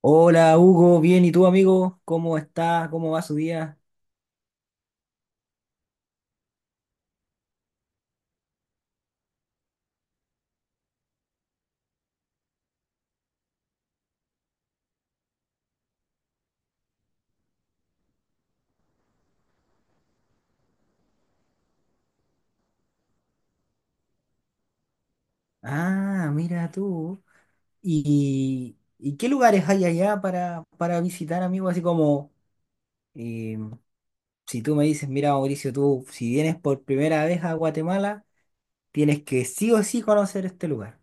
Hola Hugo, bien, ¿y tú amigo? ¿Cómo está? ¿Cómo va su día? Ah, mira tú. ¿Y qué lugares hay allá para, visitar, amigo? Así como, eh, si tú me dices, mira Mauricio, tú si vienes por primera vez a Guatemala, tienes que sí o sí conocer este lugar.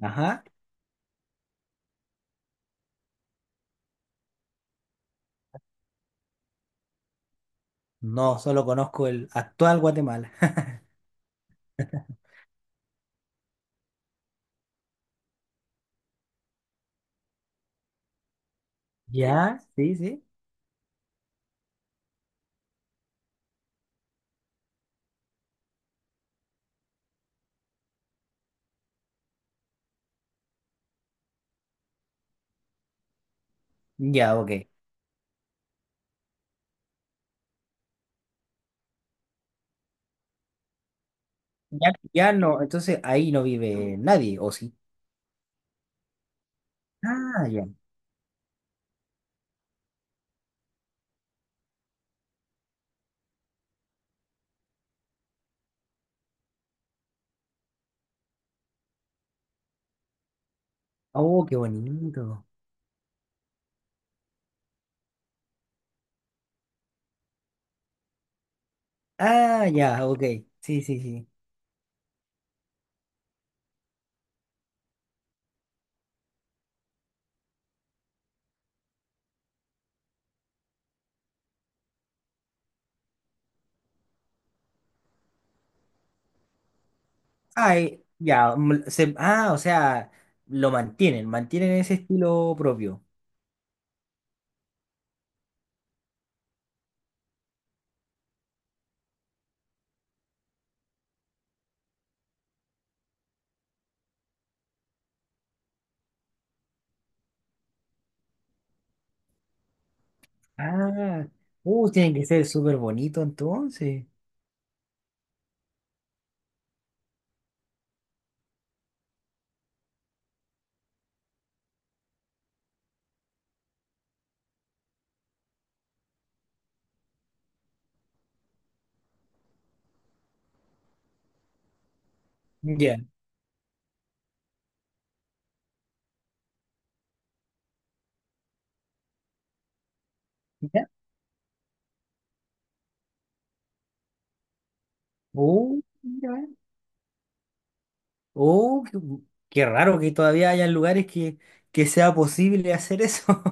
Ajá. No, solo conozco el actual Guatemala. ¿Ya? Sí, sí. Ya, ok. Ya, ya no, entonces ahí no vive nadie, ¿o sí? Ah, ya. Oh, qué bonito. Ah, ya, ok. Sí, sí, sí. Ah, ya. Ah, o sea, mantienen ese estilo propio. Ah, tiene que ser súper bonito entonces. Ya. Ya. Mira. Uh, qué, qué raro que todavía hayan lugares que sea posible hacer eso.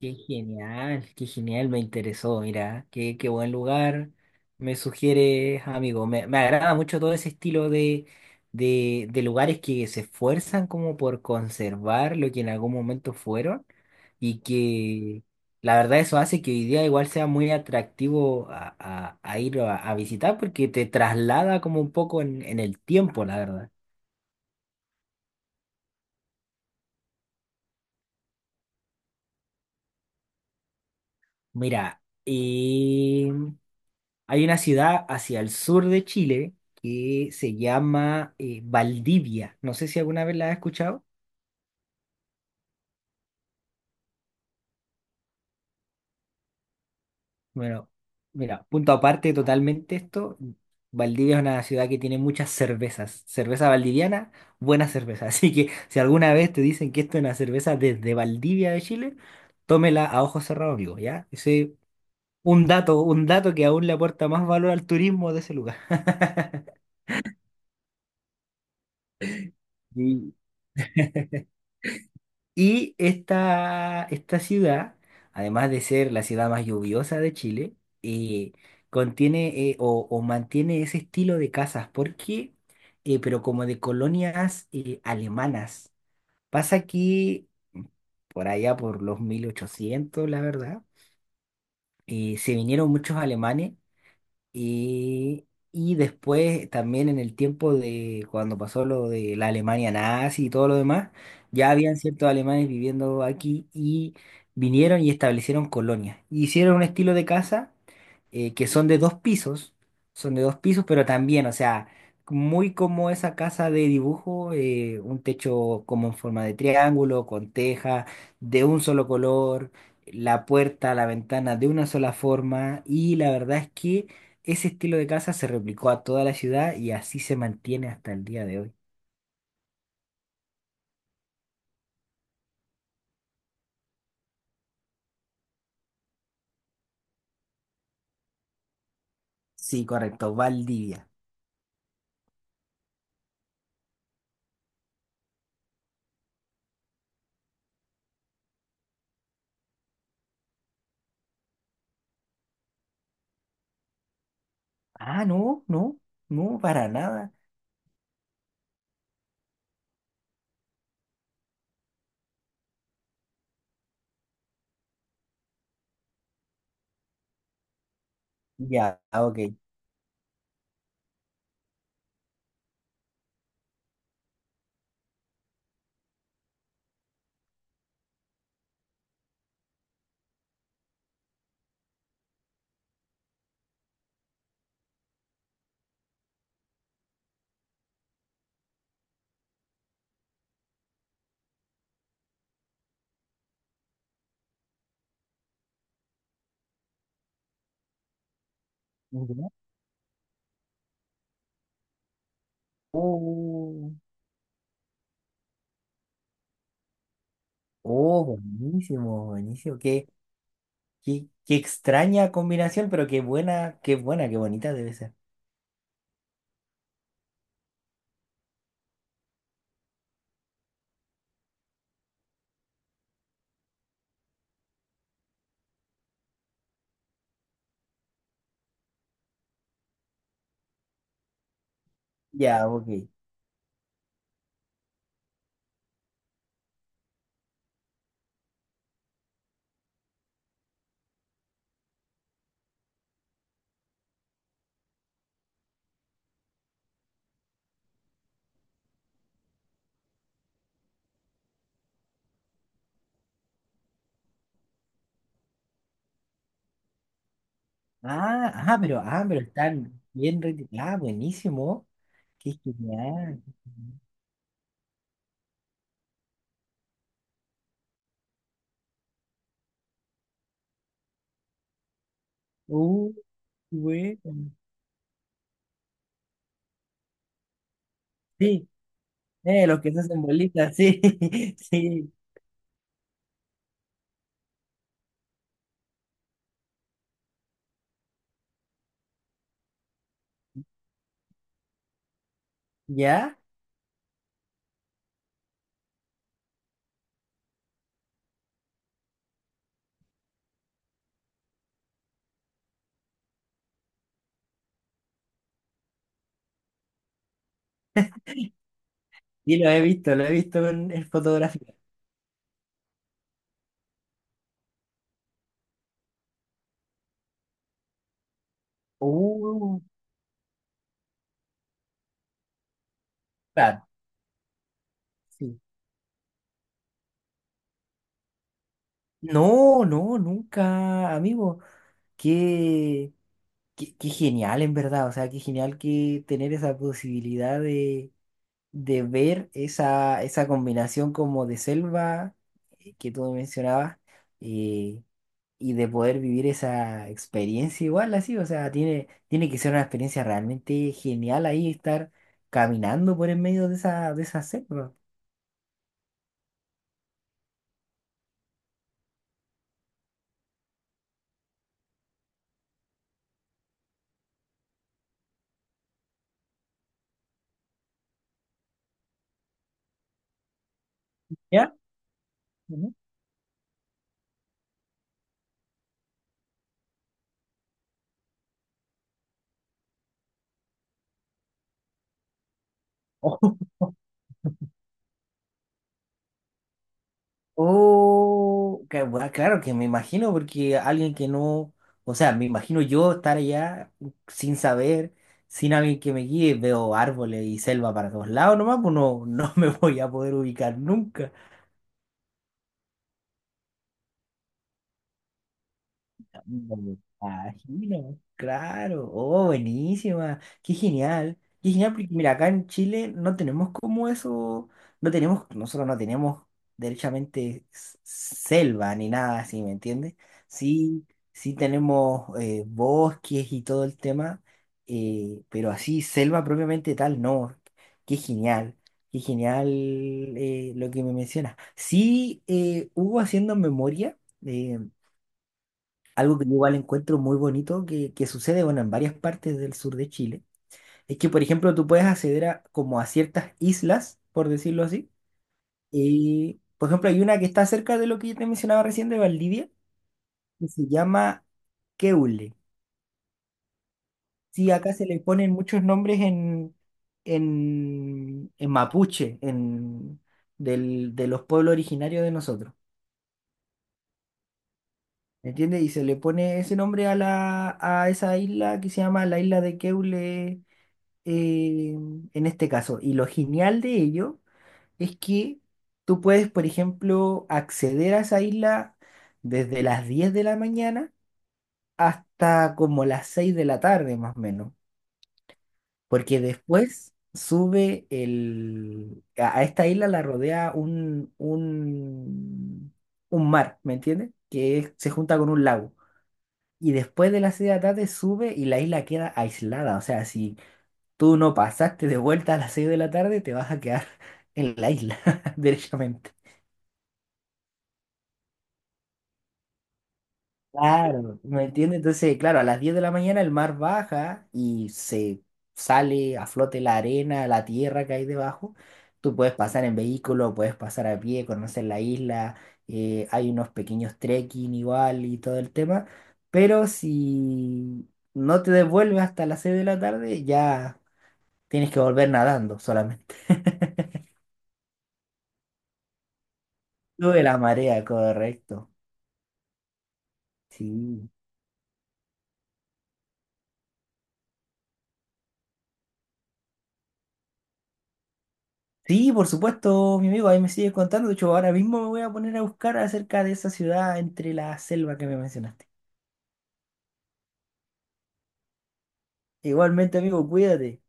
Qué genial, me interesó, mira, qué buen lugar me sugieres, amigo. Me agrada mucho todo ese estilo de, lugares que se esfuerzan como por conservar lo que en algún momento fueron y que la verdad eso hace que hoy día igual sea muy atractivo a, ir a, visitar porque te traslada como un poco en el tiempo, la verdad. Mira, hay una ciudad hacia el sur de Chile que se llama Valdivia. No sé si alguna vez la has escuchado. Bueno, mira, punto aparte totalmente esto. Valdivia es una ciudad que tiene muchas cervezas. Cerveza valdiviana, buena cerveza. Así que si alguna vez te dicen que esto es una cerveza desde Valdivia de Chile, tómela a ojos cerrados, amigo, ¿ya? Ese un dato que aún le aporta más valor al turismo de ese lugar. Y Y esta, ciudad, además de ser la ciudad más lluviosa de Chile, eh, contiene o, mantiene ese estilo de casas, porque, pero como de colonias alemanas. Pasa que por allá, por los 1800 la verdad, se vinieron muchos alemanes y, después también en el tiempo de cuando pasó lo de la Alemania nazi y todo lo demás, ya habían ciertos alemanes viviendo aquí y vinieron y establecieron colonias. Hicieron un estilo de casa que son de dos pisos, pero también, o sea, muy como esa casa de dibujo, un techo como en forma de triángulo, con teja, de un solo color, la puerta, la ventana de una sola forma, y la verdad es que ese estilo de casa se replicó a toda la ciudad y así se mantiene hasta el día de hoy. Sí, correcto, Valdivia. Ah, no, no, no, para nada. Ya, ah, ok. Ya. Oh, oh, buenísimo, buenísimo. Qué, Qué extraña combinación, pero qué buena, qué buena, qué bonita debe ser. Ya, ok. Ah, ah, pero están bien. Ah, buenísimo. Qué genial. Qué genial. Uh, Qué bueno. Sí, los que se hacen bolitas, sí, sí, ya, y lo he visto en, fotografía. Uh, claro, sí. No, no, nunca, amigo, qué, qué genial en verdad, o sea, qué genial que tener esa posibilidad de, ver esa, combinación como de selva que tú mencionabas, eh, y de poder vivir esa experiencia igual así, o sea, tiene que ser una experiencia realmente genial ahí estar caminando por en medio de esa selva. ¿Ya? Ujú. Oh, que bueno, claro que me imagino, porque alguien que no, o sea, me imagino yo estar allá sin saber, sin alguien que me guíe, veo árboles y selva para todos lados nomás, pues no, no me voy a poder ubicar nunca. Me imagino, claro, oh, buenísima, qué genial, porque mira, acá en Chile no tenemos como eso, nosotros no tenemos derechamente selva ni nada así, ¿me entiendes? Sí, sí tenemos bosques y todo el tema, pero así, selva propiamente tal, no, qué genial, qué genial lo que me mencionas. Sí, hubo haciendo memoria. eh, Algo que yo igual encuentro muy bonito que sucede, bueno, en varias partes del sur de Chile, es que, por ejemplo, tú puedes acceder a, como a ciertas islas, por decirlo así, y, por ejemplo, hay una que está cerca de lo que yo te mencionaba recién de Valdivia, que se llama Keule. Sí, acá se le ponen muchos nombres en, en mapuche, del, de los pueblos originarios de nosotros. ¿Me entiendes? Y se le pone ese nombre a esa isla que se llama la isla de Keule eh, en este caso. Y lo genial de ello es que tú puedes, por ejemplo, acceder a esa isla desde las 10 de la mañana hasta como las 6 de la tarde, más o menos. Porque después A esta isla la rodea un, un mar, ¿me entiendes? Que se junta con un lago. Y después de las 6 de la tarde sube y la isla queda aislada. O sea, si tú no pasaste de vuelta a las 6 de la tarde, te vas a quedar en la isla, derechamente. Claro, ¿me entiendes? Entonces, claro, a las 10 de la mañana el mar baja y se sale a flote la arena, la tierra que hay debajo. Tú puedes pasar en vehículo, puedes pasar a pie, conocer la isla, hay unos pequeños trekking igual y todo el tema, pero si no te devuelves hasta las 6 de la tarde, ya tienes que volver nadando solamente. Lo de la marea, correcto. Sí. Sí, por supuesto, mi amigo, ahí me sigues contando. De hecho, ahora mismo me voy a poner a buscar acerca de esa ciudad entre la selva que me mencionaste. Igualmente, amigo, cuídate.